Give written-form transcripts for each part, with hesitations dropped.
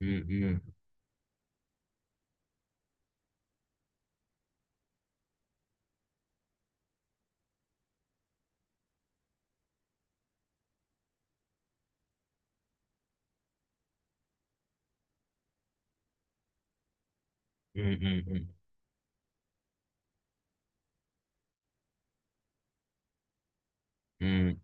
うんうんうんうんうん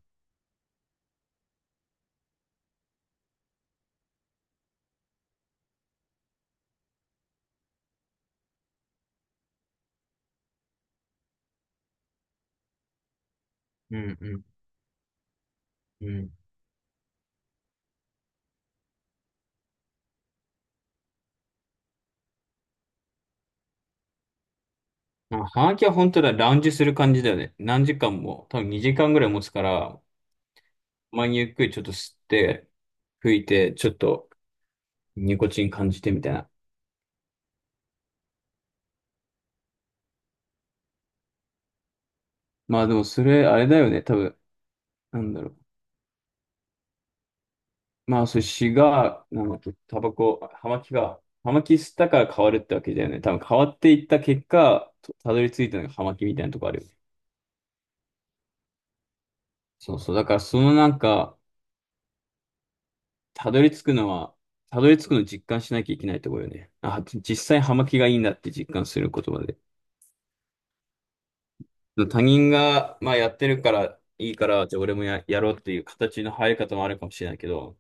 うんうんうん。まあ、ハガキは本当だ、ラウンジする感じだよね。何時間も、多分2時間ぐらい持つから、まにゆっくりちょっと吸って、吹いて、ちょっとニコチン感じてみたいな。まあでもそれ、あれだよね、多分、なんだろう。まあそれ、シガー、なんだっけ、タバコ、ハマキ吸ったから変わるってわけだよね。多分変わっていった結果、とたどり着いたのがハマキみたいなとこあるよね。そうそう。だからそのなんか、たどり着くのは、たどり着くの実感しなきゃいけないところよね。あ、実際葉巻がいいんだって実感することまで。他人が、まあ、やってるからいいから、じゃあ俺もやろうっていう形の入り方もあるかもしれないけど、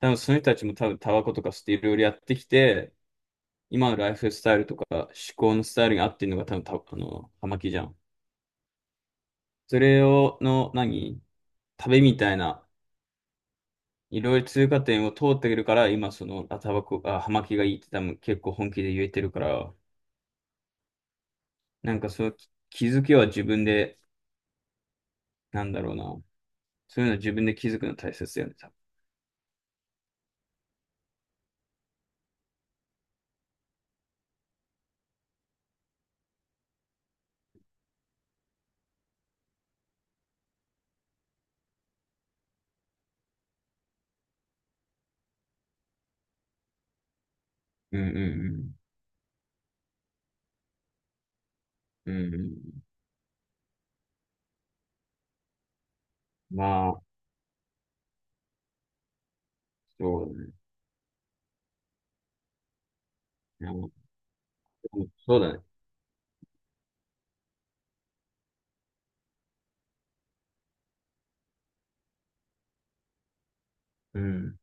多分その人たちも多分タバコとかいろいろやってきて、今のライフスタイルとか思考のスタイルに合ってるのが多分た、あの、葉巻じゃん。それを、の、何旅みたいな、いろいろ通過点を通ってくるから、今その、あ、タバコ、あ、葉巻がいいって多分結構本気で言えてるから、なんかそう、気づきは自分で、なんだろうな。そういうの自分で気づくの大切だよね、多分。うんうんうん。うんうん。まあ、そうだね。いやもうそうだね。うん。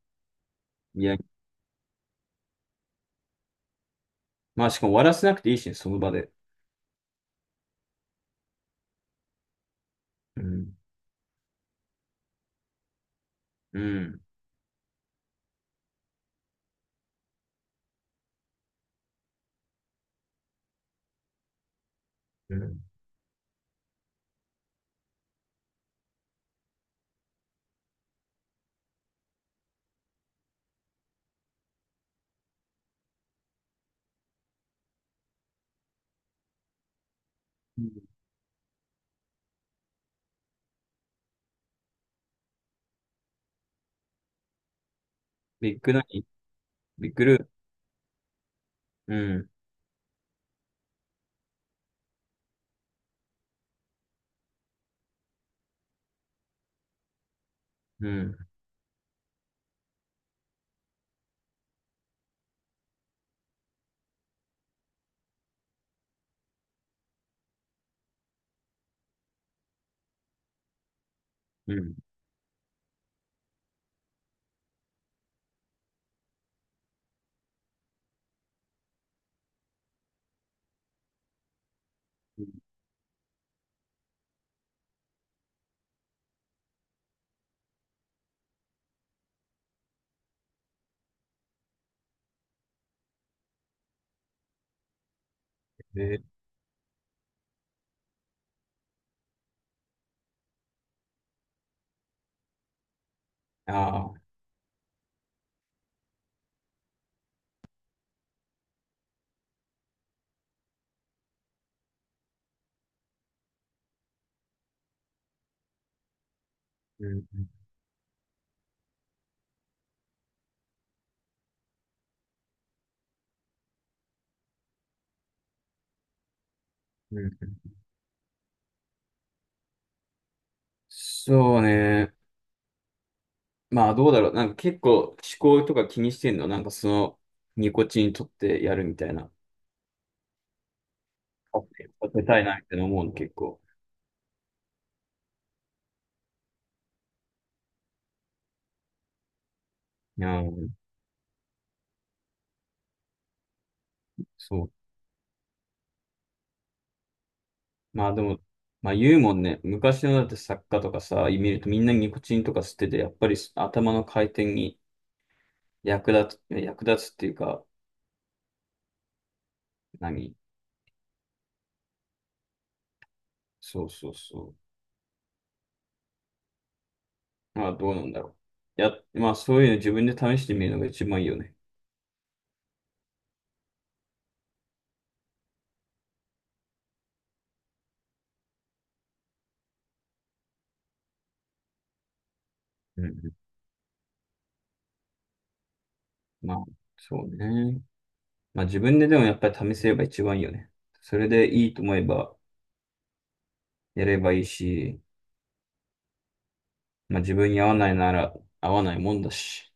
いや、まあしかも終わらせなくていいしね、その場で。うん。うん。うん。うん、ビッグ何ビッグルー。うん、うん、うん。え、ああ、うん、うん、うん。そうね。まあ、どうだろう。なんか結構思考とか気にしてんのなんかその、ニコチン取ってやるみたいな。あ当てたいな、みたいな思うの結構。うん、そう。まあでも、まあ言うもんね。昔のだって作家とかさ、見るとみんなニコチンとか吸ってて、やっぱり頭の回転に役立つっていうか、何そうそうそう。まあ、どうなんだろう。や、まあ、そういうの自分で試してみるのが一番いいよね。うんうん。まあ、そうね。まあ、自分ででもやっぱり試せれば一番いいよね。それでいいと思えばやればいいし、まあ、自分に合わないなら合わないもんだし。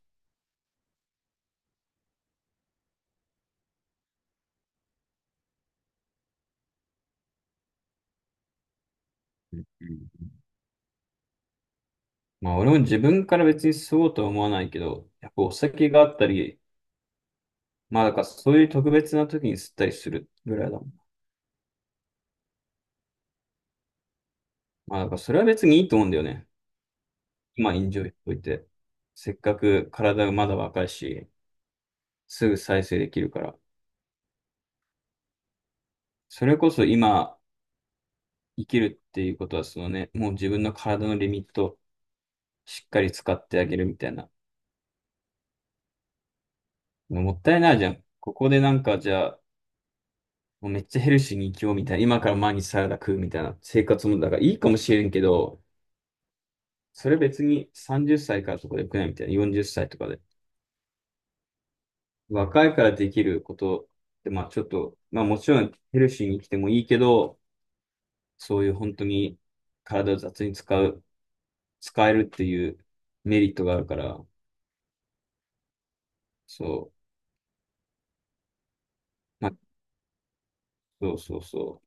うん。まあ、俺も自分から別に吸おうとは思わないけど、やっぱお酒があったり、まあ、だからそういう特別な時に吸ったりするぐらいだもん。まあ、だからそれは別にいいと思うんだよね。今、エンジョイしといて。せっかく体がまだ若いし。すぐ再生できるから。それこそ今生きるっていうことは、そのね、もう自分の体のリミットをしっかり使ってあげるみたいな。もったいないじゃん。ここでなんかじゃあ、もうめっちゃヘルシーに生きようみたいな。今から毎日サラダ食うみたいな生活もだからいいかもしれんけど、それ別に30歳からとかでよくないみたいな。40歳とかで。若いからできることって、まあちょっと、まあもちろんヘルシーに生きてもいいけど、そういう本当に体を雑に使う。使えるっていうメリットがあるから、そう、まあ、そうそうそ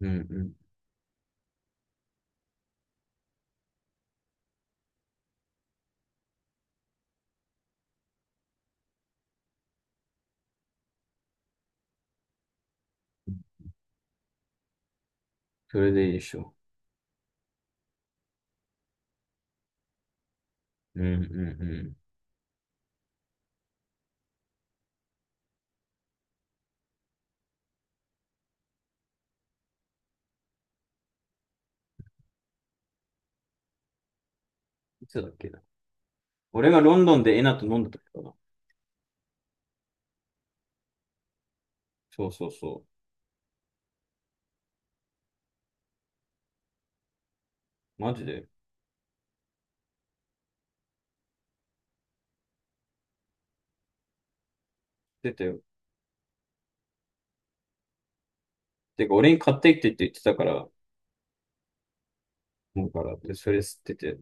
う。うんうん。それでいいでしょう。うんうんうん。いつだっけな。俺がロンドンでエナと飲んだ時かな。そうそうそう。マジで。出てよ。てか、俺に買ってきてって言ってたから、もうから、で、それ吸ってて。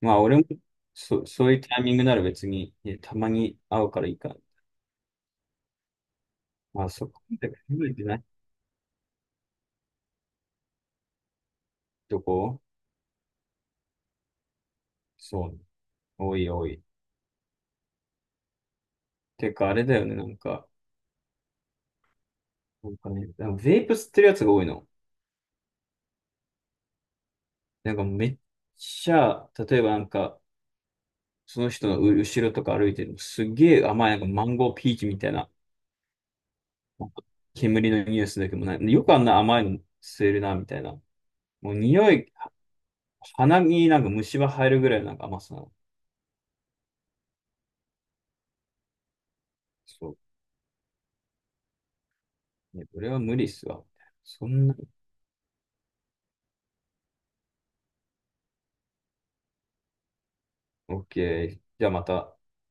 まあ、俺も、そういうタイミングなら別に、ねたまに会うからいいか。まあ、そこまで考えてないとこそう。多い多い。てか、あれだよね、なんか。なんかね、でもベイプ吸ってるやつが多いの。なんかめっちゃ、例えばなんか、その人の後ろとか歩いてるの、すげえ甘い、なんかマンゴーピーチみたいな、なんか煙のニュースだけどもない、よくあんな甘いの吸えるな、みたいな。もう匂い、鼻になんか虫歯入るぐらいなんか甘さなの。そう。いや、これは無理っすわ。そんな、オッケー。じゃあまた。